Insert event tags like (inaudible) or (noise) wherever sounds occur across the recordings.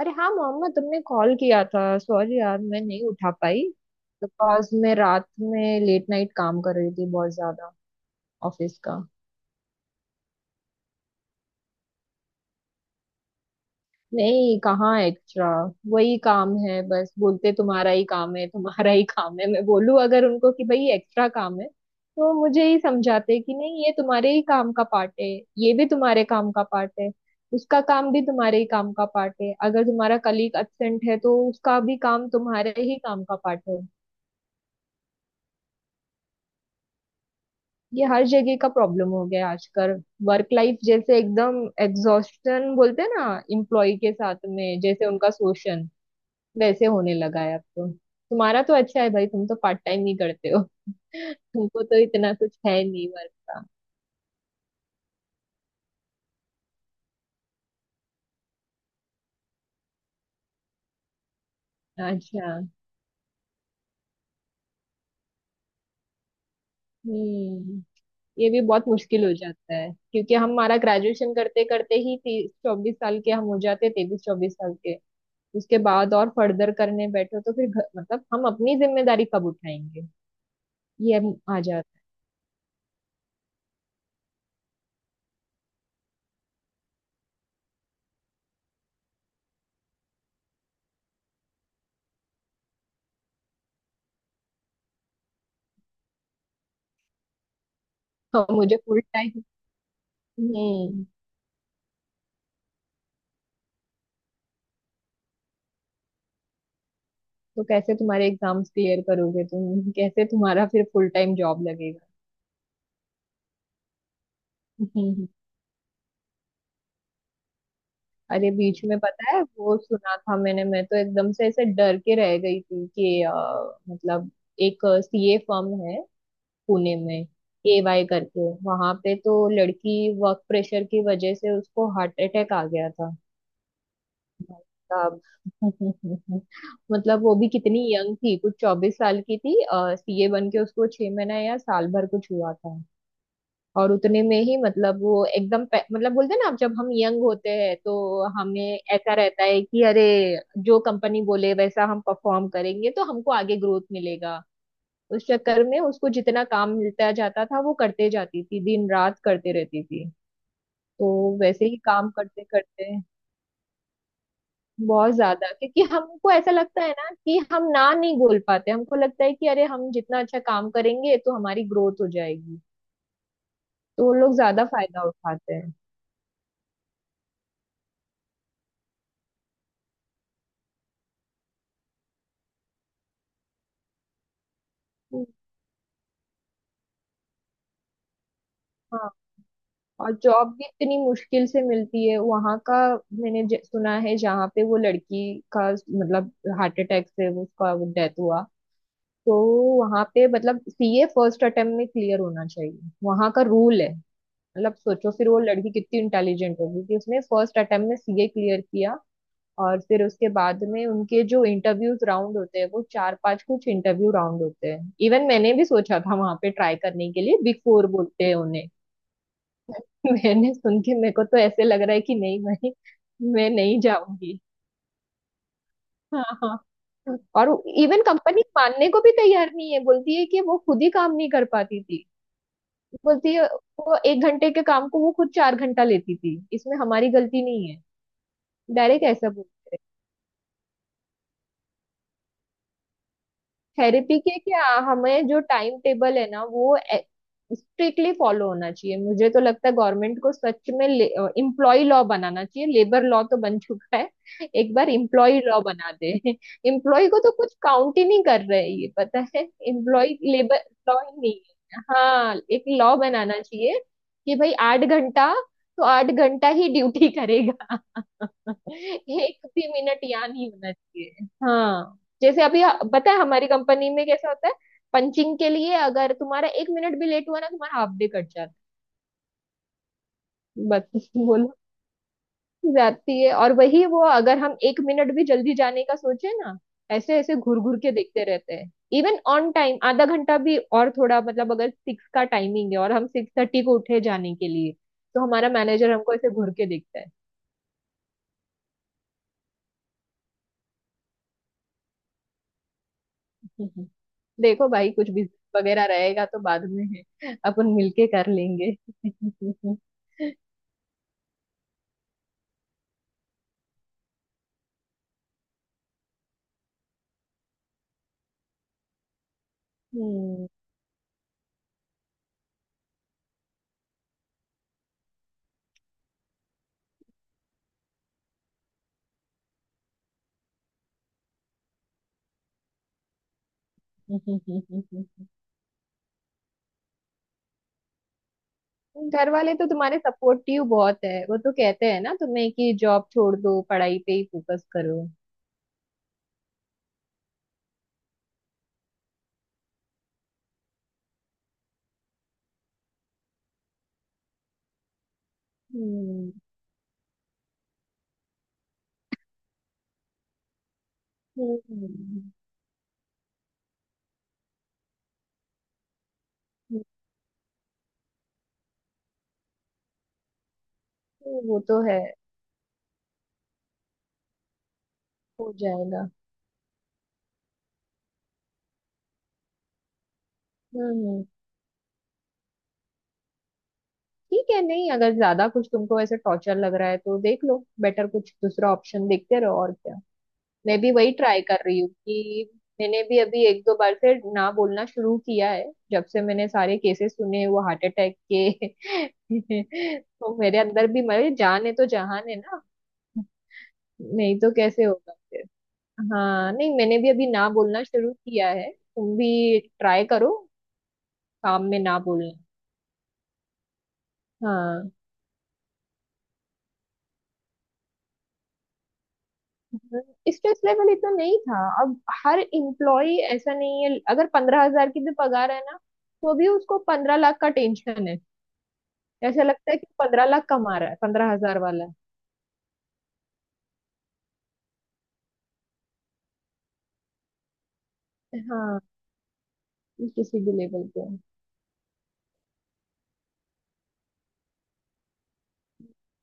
अरे हाँ मोहम्मद, तुमने कॉल किया था। सॉरी यार, मैं नहीं उठा पाई। बिकॉज मैं रात में लेट नाइट काम कर रही थी, बहुत ज्यादा ऑफिस का। नहीं, कहाँ एक्स्ट्रा, वही काम है। बस बोलते तुम्हारा ही काम है, तुम्हारा ही काम है। मैं बोलूँ अगर उनको कि भाई एक्स्ट्रा काम है, तो मुझे ही समझाते कि नहीं ये तुम्हारे ही काम का पार्ट है, ये भी तुम्हारे काम का पार्ट है, उसका काम भी तुम्हारे ही काम का पार्ट है। अगर तुम्हारा कलीग एब्सेंट है तो उसका भी काम तुम्हारे ही काम का पार्ट है। ये हर जगह का प्रॉब्लम हो गया है आजकल। वर्क लाइफ जैसे एकदम एग्जॉस्टन बोलते हैं ना, एम्प्लॉय के साथ में जैसे उनका शोषण वैसे होने लगा है। अब तो तुम्हारा तो अच्छा है भाई, तुम तो पार्ट टाइम ही करते हो (laughs) तुमको तो इतना कुछ है नहीं वर्क का। अच्छा। हम्म। ये भी बहुत मुश्किल हो जाता है, क्योंकि हम हमारा ग्रेजुएशन करते करते ही 30 चौबीस साल के हम हो जाते, 23 24 साल के। उसके बाद और फर्दर करने बैठो तो फिर मतलब हम अपनी जिम्मेदारी कब उठाएंगे, ये अब आ जाता है। और मुझे फुल टाइम। हम्म। तो कैसे तुम्हारे एग्जाम्स क्लियर करोगे, तुम कैसे तुम्हारा फिर फुल टाइम जॉब लगेगा। (laughs) हम्म। अरे बीच में, पता है वो सुना था मैंने, मैं तो एकदम से ऐसे डर के रह गई थी कि मतलब एक सीए फर्म है, पुणे में, एवाई करके, वहां पे तो लड़की वर्क प्रेशर की वजह से उसको हार्ट अटैक आ गया था साहब। (laughs) मतलब वो भी कितनी यंग थी, कुछ 24 साल की थी, सीए बन के उसको 6 महीना या साल भर कुछ हुआ था। और उतने में ही मतलब वो एकदम मतलब बोलते हैं ना, आप जब हम यंग होते हैं तो हमें ऐसा रहता है कि अरे जो कंपनी बोले वैसा हम परफॉर्म करेंगे तो हमको आगे ग्रोथ मिलेगा। उस चक्कर में उसको जितना काम मिलता जाता था वो करते जाती थी, दिन रात करते रहती थी। तो वैसे ही काम करते करते बहुत ज्यादा, क्योंकि हमको ऐसा लगता है ना कि हम ना नहीं बोल पाते, हमको लगता है कि अरे हम जितना अच्छा काम करेंगे तो हमारी ग्रोथ हो जाएगी, तो वो लोग ज्यादा फायदा उठाते हैं। हम्म। हाँ। और जॉब भी इतनी मुश्किल से मिलती है। वहां का मैंने सुना है, जहाँ पे वो लड़की का मतलब हार्ट अटैक से वो उसका डेथ हुआ, तो वहां पे मतलब सीए फर्स्ट अटेम्प्ट में क्लियर होना चाहिए, वहां का रूल है। मतलब सोचो, फिर वो लड़की कितनी इंटेलिजेंट होगी कि उसने फर्स्ट अटेम्प्ट में सीए क्लियर किया। और फिर उसके बाद में उनके जो इंटरव्यूज राउंड होते हैं, वो 4 5 कुछ इंटरव्यू राउंड होते हैं। इवन मैंने भी सोचा था वहां पे ट्राई करने के लिए, बिग 4 बोलते हैं उन्हें। (laughs) मैंने सुन के मेरे को तो ऐसे लग रहा है कि नहीं भाई, मैं नहीं जाऊंगी। हाँ हाँ। और इवन कंपनी मानने को भी तैयार नहीं है, बोलती है कि वो खुद ही काम नहीं कर पाती थी। बोलती है वो 1 घंटे के काम को वो खुद 4 घंटा लेती थी, इसमें हमारी गलती नहीं है। डायरेक्ट ऐसा। थेरेपी के क्या, हमें जो टाइम टेबल है ना वो स्ट्रिक्टली फॉलो होना चाहिए। मुझे तो लगता है गवर्नमेंट को सच में एम्प्लॉय लॉ बनाना चाहिए, लेबर लॉ तो बन चुका है, एक बार एम्प्लॉय लॉ बना दे। एम्प्लॉय को तो कुछ काउंट ही नहीं कर रहे हैं ये, पता है। एम्प्लॉय लेबर लॉ ही नहीं है। हाँ, एक लॉ बनाना चाहिए कि भाई 8 घंटा तो 8 घंटा ही ड्यूटी करेगा, एक भी मिनट यहाँ नहीं होना चाहिए। हाँ, जैसे अभी पता है हमारी कंपनी में कैसा होता है, पंचिंग के लिए अगर तुम्हारा एक मिनट भी लेट हुआ ना, तुम्हारा हाफ डे कट जाता है। बस (laughs) बोलो, जाती है। और वही वो अगर हम 1 मिनट भी जल्दी जाने का सोचे ना, ऐसे ऐसे घूर घूर के देखते रहते हैं। इवन ऑन टाइम आधा घंटा भी, और थोड़ा मतलब अगर सिक्स का टाइमिंग है और हम 6:30 को उठे जाने के लिए, तो हमारा मैनेजर हमको ऐसे घूर के देखता है। देखो भाई, कुछ भी वगैरह रहेगा तो बाद में (laughs) है, अपन मिलके कर लेंगे। हम्म। घर वाले तो तुम्हारे सपोर्टिव बहुत है, वो तो कहते हैं ना तुम्हें कि जॉब छोड़ दो, पढ़ाई पे ही फोकस करो। हम्म, हम्म। वो तो है, हो जाएगा। हम्म। ठीक है, नहीं अगर ज्यादा कुछ तुमको ऐसे टॉर्चर लग रहा है तो देख लो, बेटर कुछ दूसरा ऑप्शन देखते रहो और क्या। मैं भी वही ट्राई कर रही हूँ कि मैंने भी अभी 1 2 बार से ना बोलना शुरू किया है, जब से मैंने सारे केसेस सुने वो हार्ट अटैक के। (laughs) तो मेरे अंदर भी, मेरे जान है तो जहान है ना, नहीं तो कैसे होगा फिर। हाँ, नहीं मैंने भी अभी ना बोलना शुरू किया है, तुम भी ट्राई करो काम में ना बोलना। हाँ, स्ट्रेस लेवल इतना नहीं था अब। हर एम्प्लॉय ऐसा नहीं है, अगर 15 हजार की भी पगार है ना, तो भी उसको 15 लाख का टेंशन है। ऐसा लगता है कि 15 लाख कमा रहा है 15 हजार वाला। है, हाँ, किसी भी लेवल पे।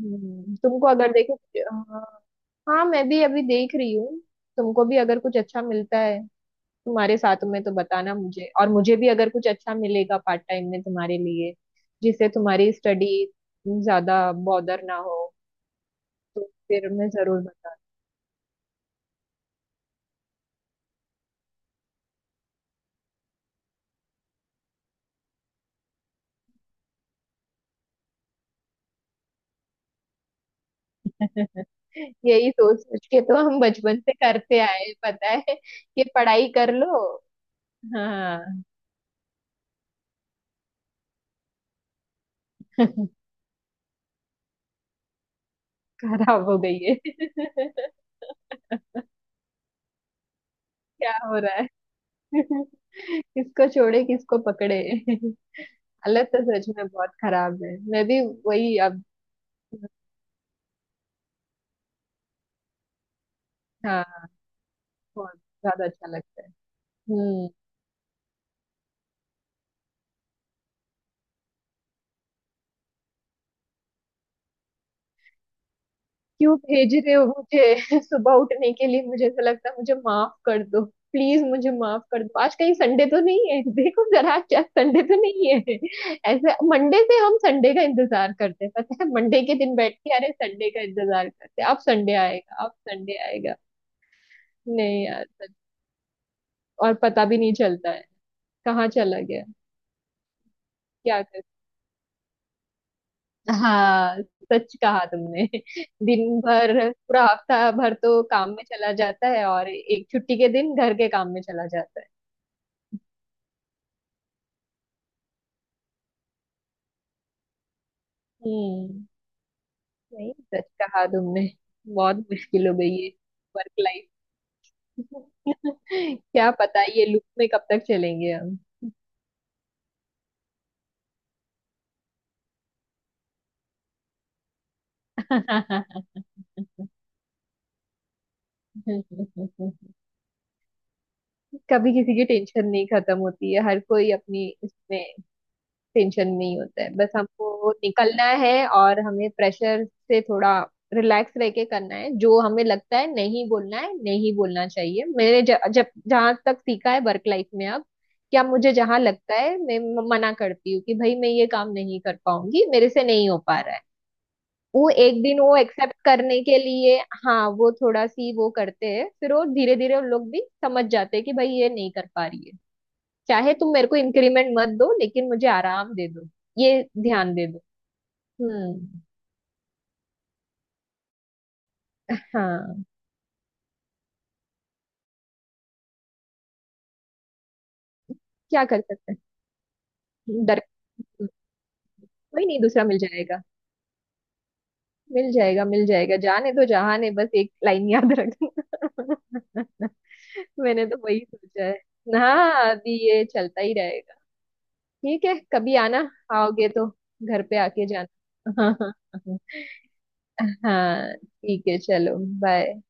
तुमको अगर देखो। हाँ। हाँ, मैं भी अभी देख रही हूँ। तुमको भी अगर कुछ अच्छा मिलता है तुम्हारे साथ में तो बताना मुझे, और मुझे भी अगर कुछ अच्छा मिलेगा पार्ट टाइम में तुम्हारे लिए जिससे तुम्हारी स्टडी ज्यादा बॉदर ना हो, तो फिर मैं जरूर बता। (laughs) यही सोच सोच के तो हम बचपन से करते आए हैं, पता है कि पढ़ाई कर लो। हाँ। (laughs) खराब हो गई है। (laughs) क्या हो रहा है। (laughs) किसको छोड़े किसको पकड़े। (laughs) हालत तो सच में बहुत खराब है, मैं भी वही अब। हाँ, बहुत ज्यादा अच्छा लगता है। हम्म। क्यों भेज रहे हो मुझे (laughs) सुबह उठने के लिए, मुझे ऐसा लगता है मुझे माफ कर दो, प्लीज मुझे माफ कर दो, आज कहीं संडे तो नहीं है। (laughs) देखो जरा क्या संडे तो नहीं है। (laughs) ऐसे मंडे से हम संडे का इंतजार करते हैं, पता है मंडे के दिन बैठ के अरे संडे का इंतजार करते हैं, अब संडे आएगा अब संडे आएगा। नहीं यार और पता भी नहीं चलता है कहाँ चला गया। क्या, हाँ सच कहा तुमने, दिन भर पूरा हफ्ता भर तो काम में चला जाता है, और एक छुट्टी के दिन घर के काम में चला जाता है। हम्म। नहीं, सच कहा तुमने, बहुत मुश्किल हो गई है वर्क लाइफ। (laughs) क्या पता ये लूप में कब तक चलेंगे हम। (laughs) कभी किसी की टेंशन नहीं खत्म होती है, हर कोई अपनी इसमें टेंशन नहीं होता है। बस हमको निकलना है, और हमें प्रेशर से थोड़ा रिलैक्स रह के करना है। जो हमें लगता है नहीं बोलना है, नहीं बोलना चाहिए। मैंने जब जहां तक सीखा है वर्क लाइफ में अब, क्या मुझे जहां लगता है मैं मना करती हूँ कि भाई मैं ये काम नहीं कर पाऊंगी, मेरे से नहीं हो पा रहा है। वो 1 दिन वो एक्सेप्ट करने के लिए, हाँ वो थोड़ा सी वो करते हैं, फिर वो धीरे धीरे उन लोग भी समझ जाते हैं कि भाई ये नहीं कर पा रही है। चाहे तुम मेरे को इंक्रीमेंट मत दो, लेकिन मुझे आराम दे दो, ये ध्यान दे दो। हम्म। हाँ। क्या कर सकते हैं, डर। कोई नहीं, दूसरा मिल जाएगा, मिल जाएगा मिल जाएगा, जाने दो जहाने, बस 1 लाइन याद रखना। (laughs) मैंने तो वही सोचा है। हाँ अभी ये चलता ही रहेगा। ठीक है, कभी आना, आओगे तो घर पे आके जाना। (laughs) हाँ हाँ। हाँ ठीक है चलो बाय।